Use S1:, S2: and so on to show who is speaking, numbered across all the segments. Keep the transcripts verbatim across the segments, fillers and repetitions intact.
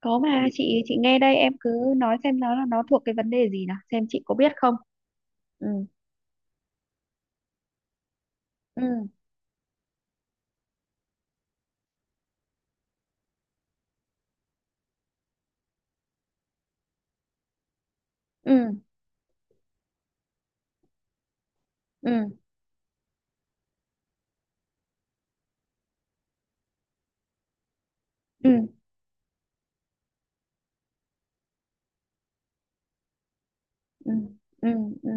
S1: Có mà, chị chị nghe đây, em cứ nói xem nó là nó thuộc cái vấn đề gì nào, xem chị có biết không. Ừ, ừ, ừ, ừ, ừ, ừ, ừ, ừ,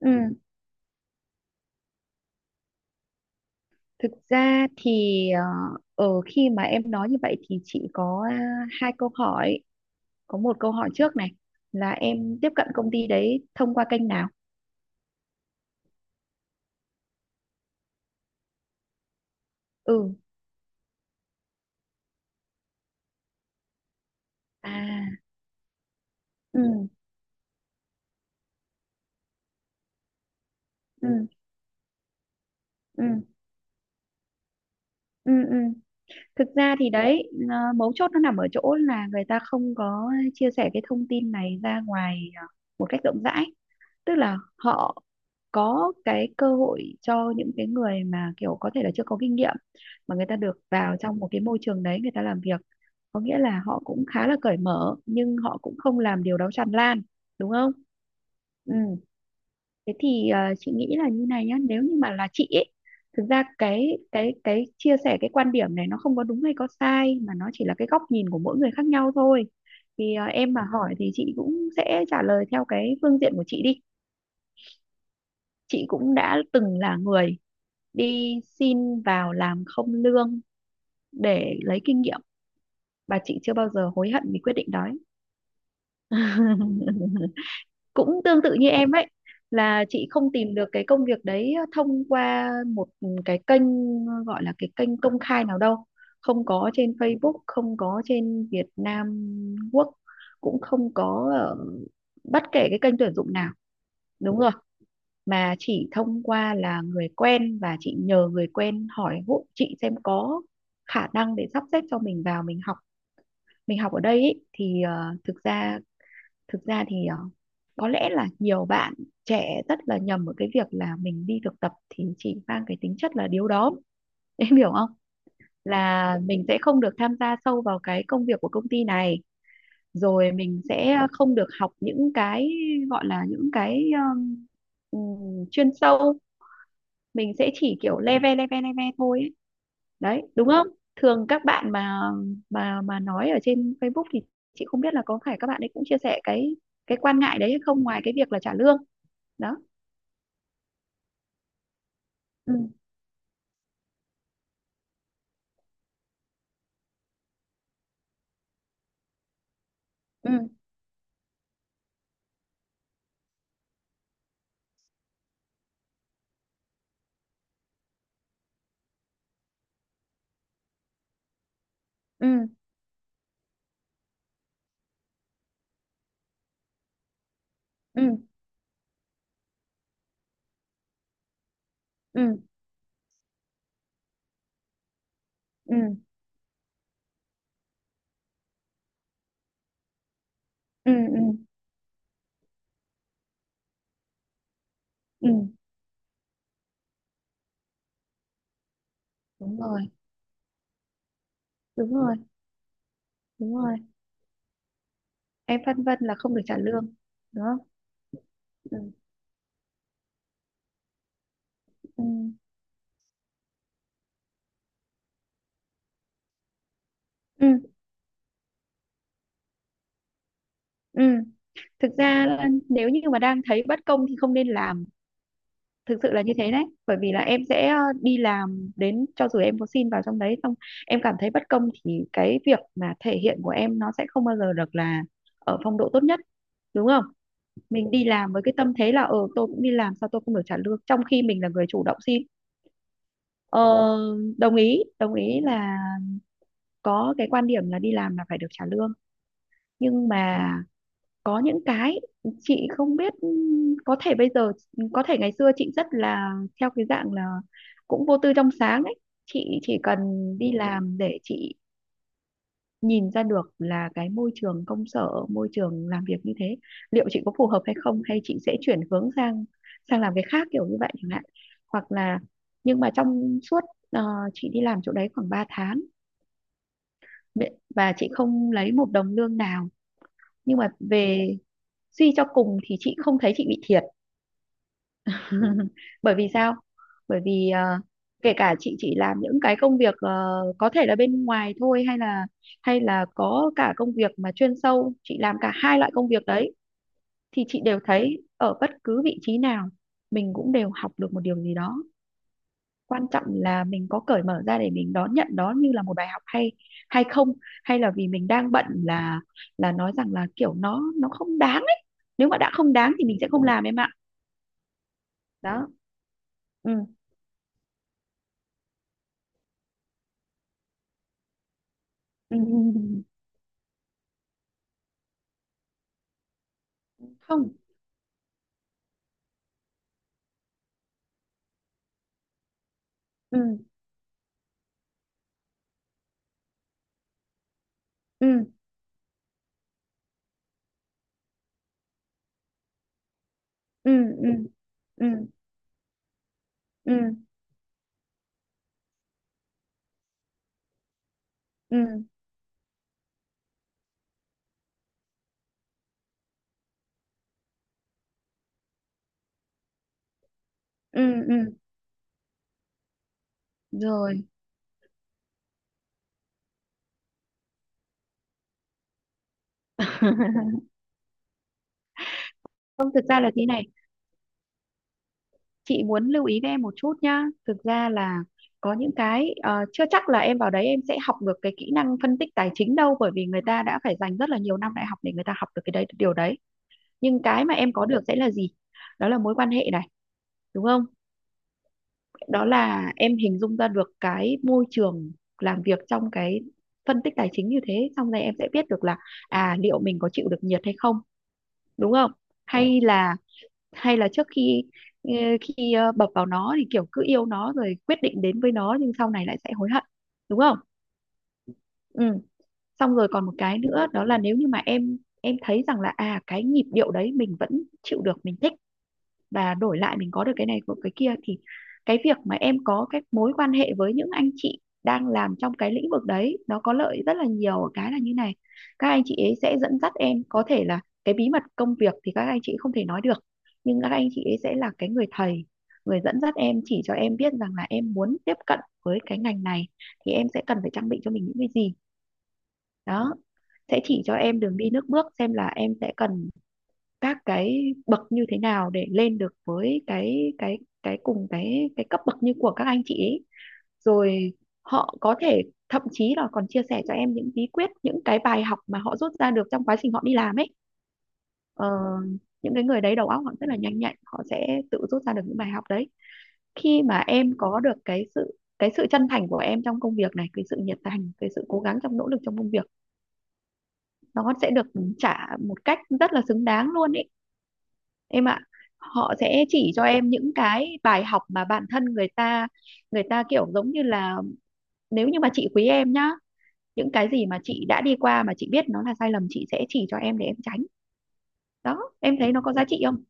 S1: ừ. Thực ra thì ờ, ở khi mà em nói như vậy thì chị có à, hai câu hỏi. Có một câu hỏi trước này, là em tiếp cận công ty đấy thông qua kênh nào? Ừ, à, ừ, ừ, ừ, ừ, ừ. Thực ra thì đấy, ờ, mấu chốt nó nằm ở chỗ là người ta không có chia sẻ cái thông tin này ra ngoài ờ, một cách rộng rãi, tức là họ có cái cơ hội cho những cái người mà kiểu có thể là chưa có kinh nghiệm, mà người ta được vào trong một cái môi trường đấy người ta làm việc, có nghĩa là họ cũng khá là cởi mở nhưng họ cũng không làm điều đó tràn lan, đúng không? Ừ. Thế thì ờ, chị nghĩ là như này nhá, nếu như mà là chị ấy, thực ra cái cái cái chia sẻ cái quan điểm này nó không có đúng hay có sai mà nó chỉ là cái góc nhìn của mỗi người khác nhau thôi. Thì ờ, em mà hỏi thì chị cũng sẽ trả lời theo cái phương diện của chị đi. Chị cũng đã từng là người đi xin vào làm không lương để lấy kinh nghiệm, và chị chưa bao giờ hối hận vì quyết định đó ấy. Cũng tương tự như em ấy, là chị không tìm được cái công việc đấy thông qua một cái kênh gọi là cái kênh công khai nào đâu, không có trên Facebook, không có trên Việt Nam Quốc, cũng không có ở bất kể cái kênh tuyển dụng nào, đúng rồi, mà chỉ thông qua là người quen, và chị nhờ người quen hỏi hộ chị xem có khả năng để sắp xếp cho mình vào mình học mình học ở đây ý, thì ờ, thực ra thực ra thì ờ, có lẽ là nhiều bạn trẻ rất là nhầm ở cái việc là mình đi thực tập thì chỉ mang cái tính chất là điếu đóm. Em hiểu không? Là mình sẽ không được tham gia sâu vào cái công việc của công ty này, rồi mình sẽ không được học những cái gọi là những cái um, ừm, chuyên sâu, mình sẽ chỉ kiểu leve leve leve thôi ấy, đấy đúng không? Thường các bạn mà mà mà nói ở trên Facebook thì chị không biết là có phải các bạn ấy cũng chia sẻ cái cái quan ngại đấy hay không, ngoài cái việc là trả lương đó. Ừ, ừ, ừ, ừ, ừ, ừ, ừ, ừ, ừ, đúng rồi, đúng rồi, đúng rồi. Em phân vân là không được trả lương, đúng không? Ừ, ừ, ừ, ừ. Thực ra là nếu như mà đang thấy bất công thì không nên làm, thực sự là như thế đấy, bởi vì là em sẽ ờ, đi làm, đến cho dù em có xin vào trong đấy xong em cảm thấy bất công, thì cái việc mà thể hiện của em nó sẽ không bao giờ được là ở phong độ tốt nhất, đúng không? Mình đi làm với cái tâm thế là ờ tôi cũng đi làm sao tôi không được trả lương, trong khi mình là người chủ động xin. ờ, Đồng ý đồng ý là có cái quan điểm là đi làm là phải được trả lương, nhưng mà có những cái chị không biết, ừm, có thể bây giờ, có thể ngày xưa chị rất là theo cái dạng là cũng vô tư trong sáng đấy, chị chỉ cần đi làm để chị nhìn ra được là cái môi trường công sở, môi trường làm việc như thế liệu chị có phù hợp hay không, hay chị sẽ chuyển hướng sang sang làm cái khác kiểu như vậy chẳng hạn, hoặc là, nhưng mà trong suốt ờ, chị đi làm chỗ đấy khoảng ba tháng, và chị không lấy một đồng lương nào, nhưng mà về suy cho cùng thì chị không thấy chị bị thiệt. Bởi vì sao? Bởi vì ờ, kể cả chị chỉ làm những cái công việc ờ, có thể là bên ngoài thôi, hay là hay là có cả công việc mà chuyên sâu, chị làm cả hai loại công việc đấy, thì chị đều thấy ở bất cứ vị trí nào mình cũng đều học được một điều gì đó. Quan trọng là mình có cởi mở ra để mình đón nhận đó như là một bài học hay hay không, hay là vì mình đang bận là là nói rằng là kiểu nó nó không đáng ấy. Nếu mà đã không đáng thì mình sẽ không làm em ạ. Đó. Ừ. Không. Ừ, ừ, ừ, ừ, ừ, ừ, ừ, ừ, ừ, rồi. Không, thực ra là thế này, chị muốn lưu ý với em một chút nhá. Thực ra là có những cái ờ, chưa chắc là em vào đấy em sẽ học được cái kỹ năng phân tích tài chính đâu, bởi vì người ta đã phải dành rất là nhiều năm đại học để người ta học được cái đấy điều đấy. Nhưng cái mà em có được sẽ là gì? Đó là mối quan hệ này, đúng không? Đó là em hình dung ra được cái môi trường làm việc trong cái phân tích tài chính như thế, xong rồi em sẽ biết được là à, liệu mình có chịu được nhiệt hay không, đúng không? Ờ, hay là hay là trước khi ờ, khi ờ, bập vào nó thì kiểu cứ yêu nó rồi quyết định đến với nó, nhưng sau này lại sẽ hối hận, đúng không? Ừ, xong rồi còn một cái nữa, đó là nếu như mà em em thấy rằng là à cái nhịp điệu đấy mình vẫn chịu được, mình thích, và đổi lại mình có được cái này của cái kia, thì cái việc mà em có cái mối quan hệ với những anh chị đang làm trong cái lĩnh vực đấy nó có lợi rất là nhiều ở cái là như này. Các anh chị ấy sẽ dẫn dắt em, có thể là cái bí mật công việc thì các anh chị không thể nói được, nhưng các anh chị ấy sẽ là cái người thầy, người dẫn dắt em, chỉ cho em biết rằng là em muốn tiếp cận với cái ngành này thì em sẽ cần phải trang bị cho mình những cái gì. Đó sẽ chỉ cho em đường đi nước bước, xem là em sẽ cần các cái bậc như thế nào để lên được với cái cái cái cùng cái cái cấp bậc như của các anh chị ấy. Rồi, họ có thể thậm chí là còn chia sẻ cho em những bí quyết, những cái bài học mà họ rút ra được trong quá trình họ đi làm ấy. Ờ, những cái người đấy đầu óc họ rất là nhanh nhạy, họ sẽ tự rút ra được những bài học đấy. Khi mà em có được cái sự cái sự chân thành của em trong công việc này, cái sự nhiệt thành, cái sự cố gắng trong nỗ lực trong công việc, nó sẽ được trả một cách rất là xứng đáng luôn ý em ạ. Họ sẽ chỉ cho em những cái bài học mà bản thân người ta người ta kiểu giống như là, nếu như mà chị quý em nhá, những cái gì mà chị đã đi qua mà chị biết nó là sai lầm, chị sẽ chỉ cho em để em tránh. Đó em thấy nó có giá trị không?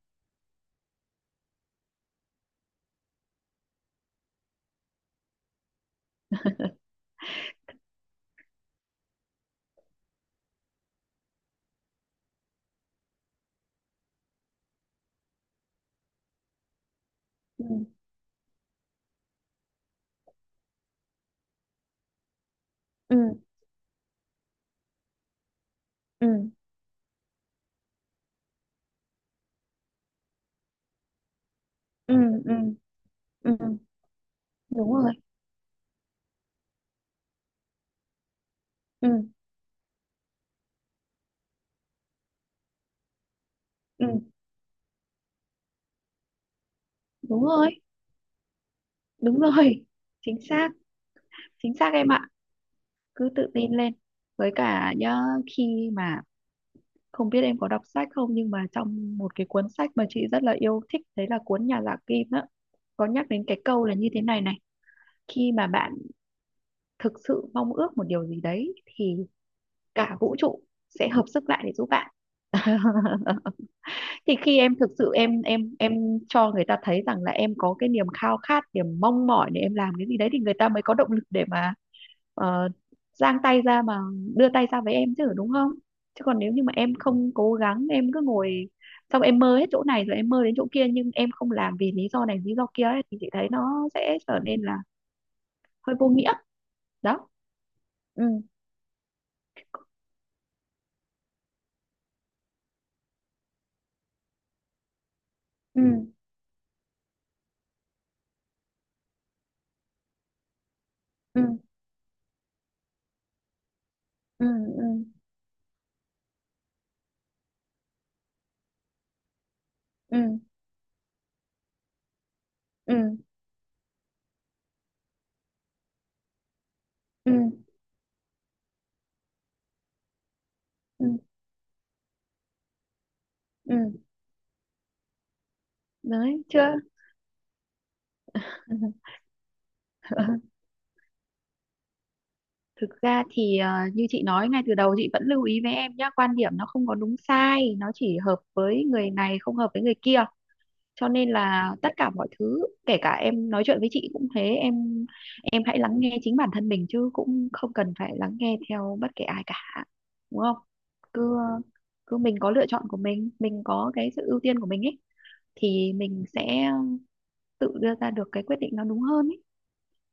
S1: Ừ, ừ, ừ, ừ, ừ, ừ, đúng rồi, ừ, ừ, đúng rồi, đúng rồi, chính xác, chính xác em ạ. Cứ tự tin lên, với cả nhá, khi mà, không biết em có đọc sách không, nhưng mà trong một cái cuốn sách mà chị rất là yêu thích, đấy là cuốn Nhà giả kim á, có nhắc đến cái câu là như thế này này: khi mà bạn thực sự mong ước một điều gì đấy thì cả vũ trụ sẽ hợp sức lại để giúp bạn. Thì khi em thực sự em em em cho người ta thấy rằng là em có cái niềm khao khát, niềm mong mỏi để em làm cái gì đấy, thì người ta mới có động lực để mà ờ, giang tay ra, mà đưa tay ra với em chứ, đúng không? Chứ còn nếu như mà em không cố gắng, em cứ ngồi, xong em mơ hết chỗ này rồi em mơ đến chỗ kia nhưng em không làm vì lý do này lý do kia ấy, thì chị thấy nó sẽ trở nên là hơi vô nghĩa. Đó. Ừ, ừ, ừ, ừ, ừ, ừ, ừ, ừ, ừ, ừ. Đấy chưa. Thực ra thì ờ, như chị nói ngay từ đầu, chị vẫn lưu ý với em nhá, quan điểm nó không có đúng sai, nó chỉ hợp với người này không hợp với người kia, cho nên là tất cả mọi thứ, kể cả em nói chuyện với chị cũng thế em em hãy lắng nghe chính bản thân mình chứ cũng không cần phải lắng nghe theo bất kể ai cả, đúng không? Cứ cứ mình có lựa chọn của mình mình có cái sự ưu tiên của mình ấy, thì mình sẽ tự đưa ra được cái quyết định nó đúng hơn ấy.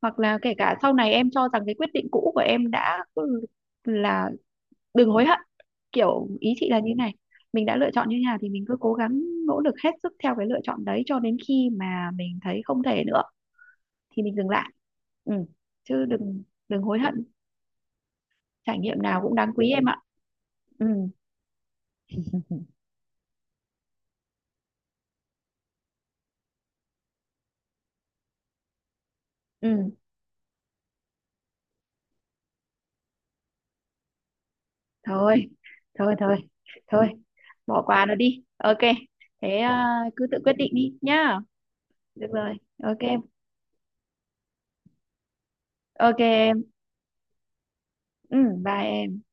S1: Hoặc là kể cả sau này em cho rằng cái quyết định cũ của em đã ừ, là, đừng hối hận. Kiểu ý chị là như này, mình đã lựa chọn như thế nào thì mình cứ cố gắng, nỗ lực hết sức theo cái lựa chọn đấy cho đến khi mà mình thấy không thể nữa thì mình dừng lại. Ừ. Chứ đừng đừng hối hận. Trải nghiệm nào cũng đáng quý em ạ. Ừ. Ừ, thôi, thôi, thôi, thôi, bỏ qua nó đi. Ok. Thế à, cứ tự quyết định đi nhá. Được rồi, ok, ok em. Ừ, bye em.